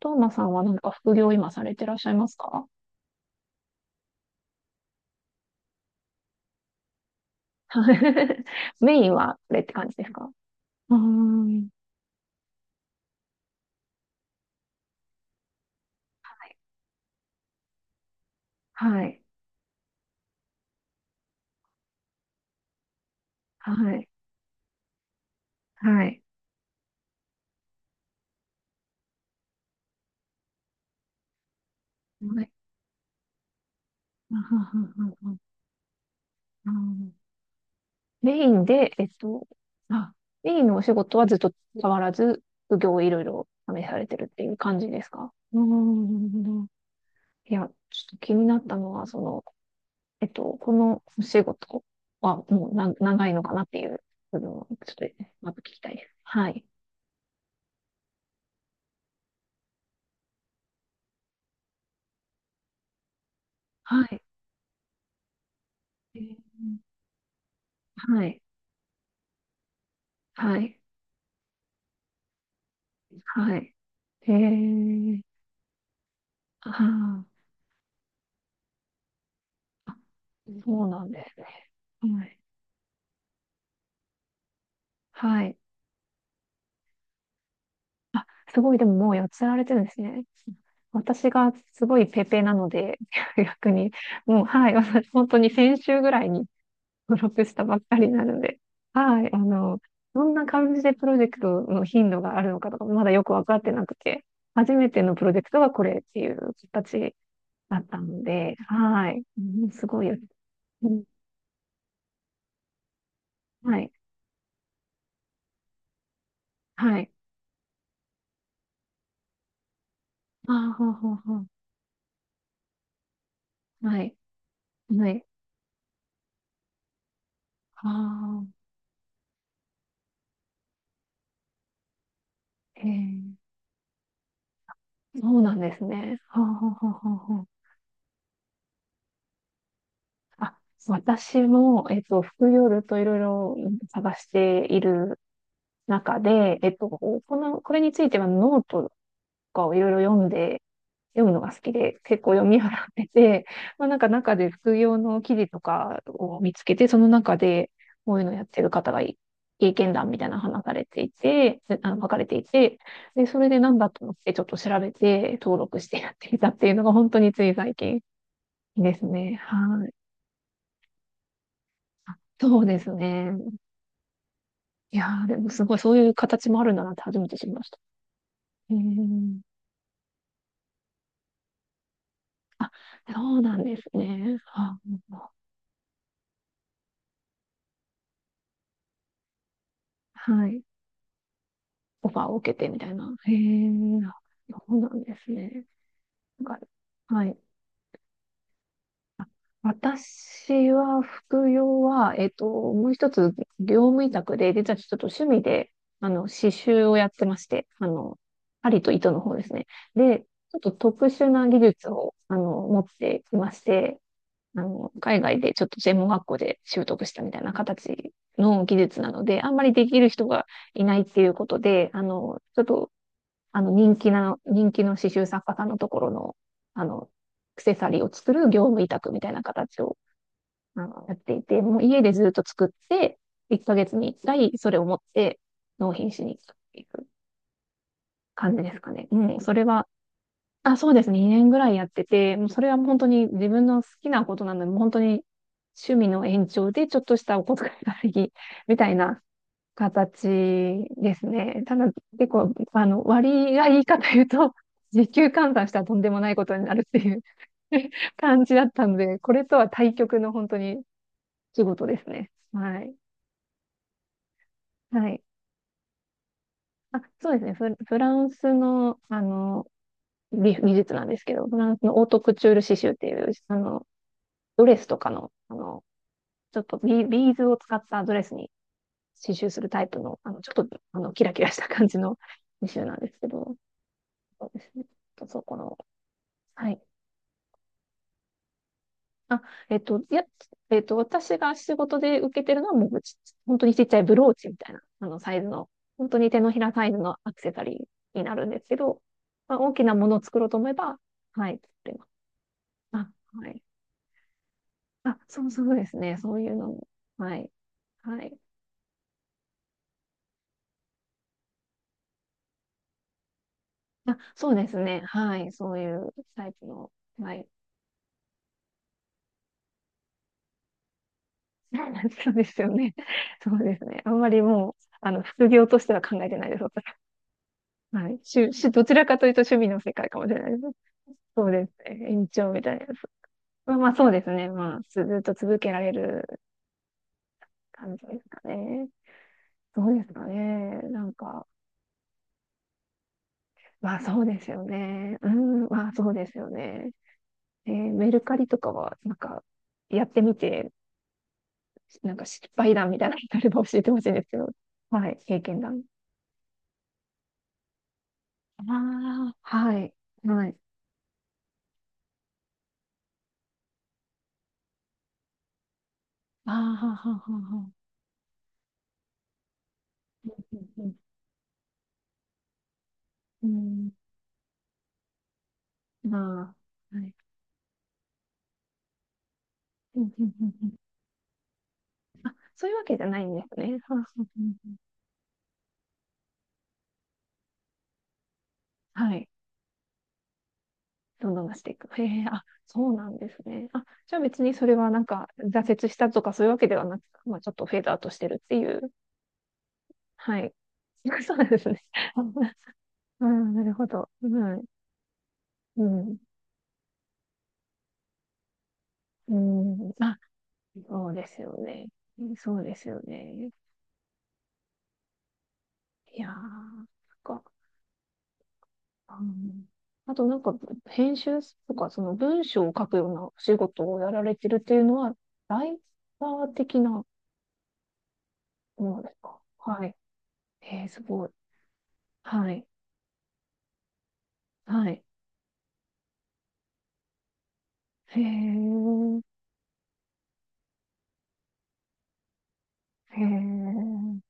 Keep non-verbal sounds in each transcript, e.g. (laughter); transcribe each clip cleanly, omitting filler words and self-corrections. トーマさんはなんか副業今されてらっしゃいますか？はい。 (laughs) メインはこれって感じですか？うーん。はい。はい。はい。はい。(laughs) うんうんうんうん。うん。メインで、あ、メインのお仕事はずっと変わらず、副業をいろいろ試されてるっていう感じですか？うーん。いや、ちょっと気になったのは、このお仕事はもうな長いのかなっていう部分をちょっとまず聞きたいです。はい。はい。えー。はい、はい、はい。へえ、あー。あ、そうなんですね。はい、はい。あ、すごい、でももうやっつられてるんですね。私がすごいペーペーなので、(laughs) 逆に、もう、はい、(laughs) 私、本当に先週ぐらいに登録したばっかりなので、はい、どんな感じでプロジェクトの頻度があるのかとか、まだよくわかってなくて、初めてのプロジェクトはこれっていう形だったので、はい。うんすごいよ。うん。はい。はい。ああ、ほうほうほう。はい。はい。ああ、ええ。そうなんですね。ほうほうほうほうほう。あ、私も、副業ずっといろいろ探している中で、この、これについてはノートかをいろいろ読んで、読むのが好きで、結構読み払ってて、まあ、なんか中で副業の記事とかを見つけて、その中でこういうのやってる方がい経験談みたいなの話されていて、で書かれていて、で、それでなんだと思ってちょっと調べて登録してやってみたっていうのが本当につい最近ですね。はい。あ、そうですね。いやー、でもすごいそういう形もあるんだなって初めて知りました。うん。あ、そうなんですね。は。あ、はい。オファーを受けてみたいな。へえ、そうなんですね。なんか、はい。私は、副業は、もう一つ、業務委託で、実はちょっと趣味で、刺繍をやってまして、針と糸の方ですね。で、ちょっと特殊な技術を、持っていまして、海外でちょっと専門学校で習得したみたいな形の技術なので、あんまりできる人がいないっていうことで、あの、ちょっとあの、人気の刺繍作家さんのところの、アクセサリーを作る業務委託みたいな形を、やっていて、もう家でずっと作って、1ヶ月に1回それを持って納品しに行くっていう感じですかね。うん、それは、あ、そうですね、2年ぐらいやってて、もうそれは本当に自分の好きなことなので、もう本当に趣味の延長でちょっとしたお小遣いがあり、みたいな形ですね。ただ、結構、割がいいかというと、(laughs) 時給換算したらとんでもないことになるっていう (laughs) 感じだったので、これとは対極の本当に仕事ですね。はい。はい。あ、そうですね。フランスの、美術なんですけど、フランスのオートクチュール刺繍っていう、ドレスとかの、ちょっとビ、ビーズを使ったドレスに刺繍するタイプの、あの、ちょっと、あの、キラキラした感じの刺繍なんですけど、そうですね。そこの、はい。あ、いや、私が仕事で受けてるのはもうち、本当にちっちゃいブローチみたいな、サイズの、本当に手のひらサイズのアクセサリーになるんですけど、まあ、大きなものを作ろうと思えば、はい、作れます。あ、はい。あ、そうそうですね。そういうのも、はい。はい。あ、そうですね。はい。そういうタイプの、はい。(laughs) そうですよね。そうですね。あんまりもう、副業としては考えてないです。はい。しゅ、し、どちらかというと趣味の世界かもしれないですね。そうですね。延長みたいなやつ。まあまあそうですね。まあ、ずっと続けられる感じですかね。そうですかね。なんか、まあそうですよね。うん、まあそうですよね。えーメルカリとかは、なんか、やってみて、なんか失敗談みたいなのがあれば教えてほしいんですけど。はい、経験談。ああ、はい、はい。ああ、ははははは。うん、うん、うんうん。まあ、はい。うんうんうんうん。そういうわけじゃないんですね。は。はい。どんどん出していく。へえ、あ、そうなんですね。あ、じゃあ別にそれはなんか挫折したとかそういうわけではなく、まあちょっとフェードアウトしてるっていう。はい。(laughs) そうなんですね。(laughs) うん、なるほど。うん、うん、うん。あ、そうですよね。そうですよね。いやー、そっか。うん、あとなんか、編集とか、その文章を書くようなお仕事をやられてるっていうのは、ライター的な。そうですか。はい。えー、すごい。はい。はい。へえ、へえ、うん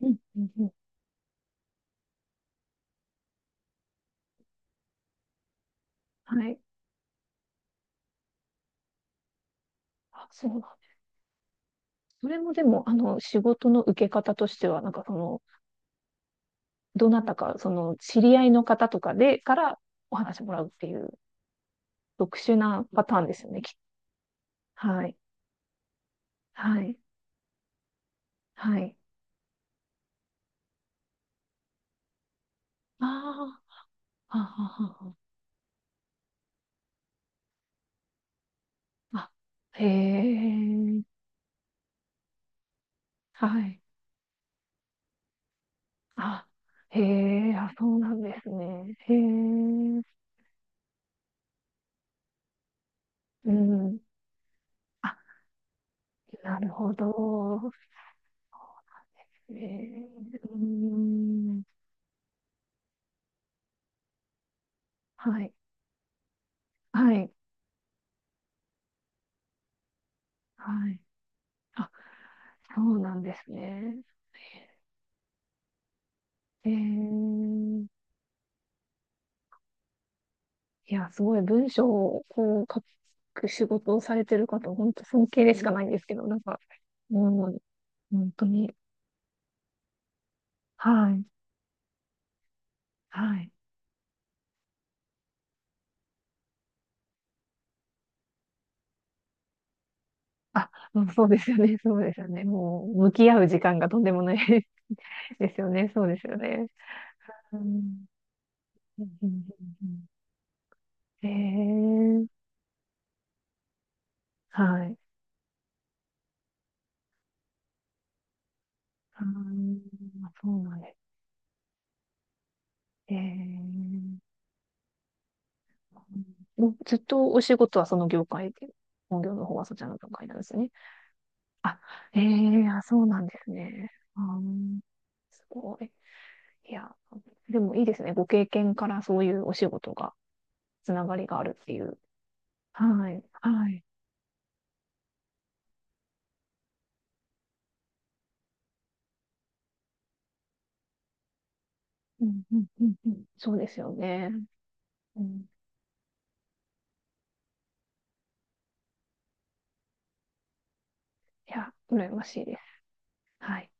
うんうん。はい。あ、そうなんだ。それもでも、仕事の受け方としては、なんかその、どなたか、その、知り合いの方とかで、からお話もらうっていう、特殊なパターンですよね、きっと。はい。はい。はい。ああ、あははは。あ、へえ、はい。あ、へえ、あ、そうなんですね。へえ。うん。あ、なるほど。そうですね。うん。はい。はい。はい。あ、そうなんですね。えー、いや、すごい文章をこう書く仕事をされてる方、本当尊敬でしかないんですけど、なんか、もう、本当に、はい、はい。あ、うん。そうですよね、そうですよね。もう、向き合う時間がとんでもない (laughs) ですよね、そうですよね。うん、うん、うん、うん。うん。えー。はい。あー。そうなんですね。えー、もうずっとお仕事はその業界で、本業の方はそちらの業界なんですね。あ、ええ。あ、そうなんですね。あー、すごい。いや、でもいいですね。ご経験からそういうお仕事が、つながりがあるっていう。はい、はい。うん、うん、うん、うん。そうですよね。うん、いや、羨ましいです。はい。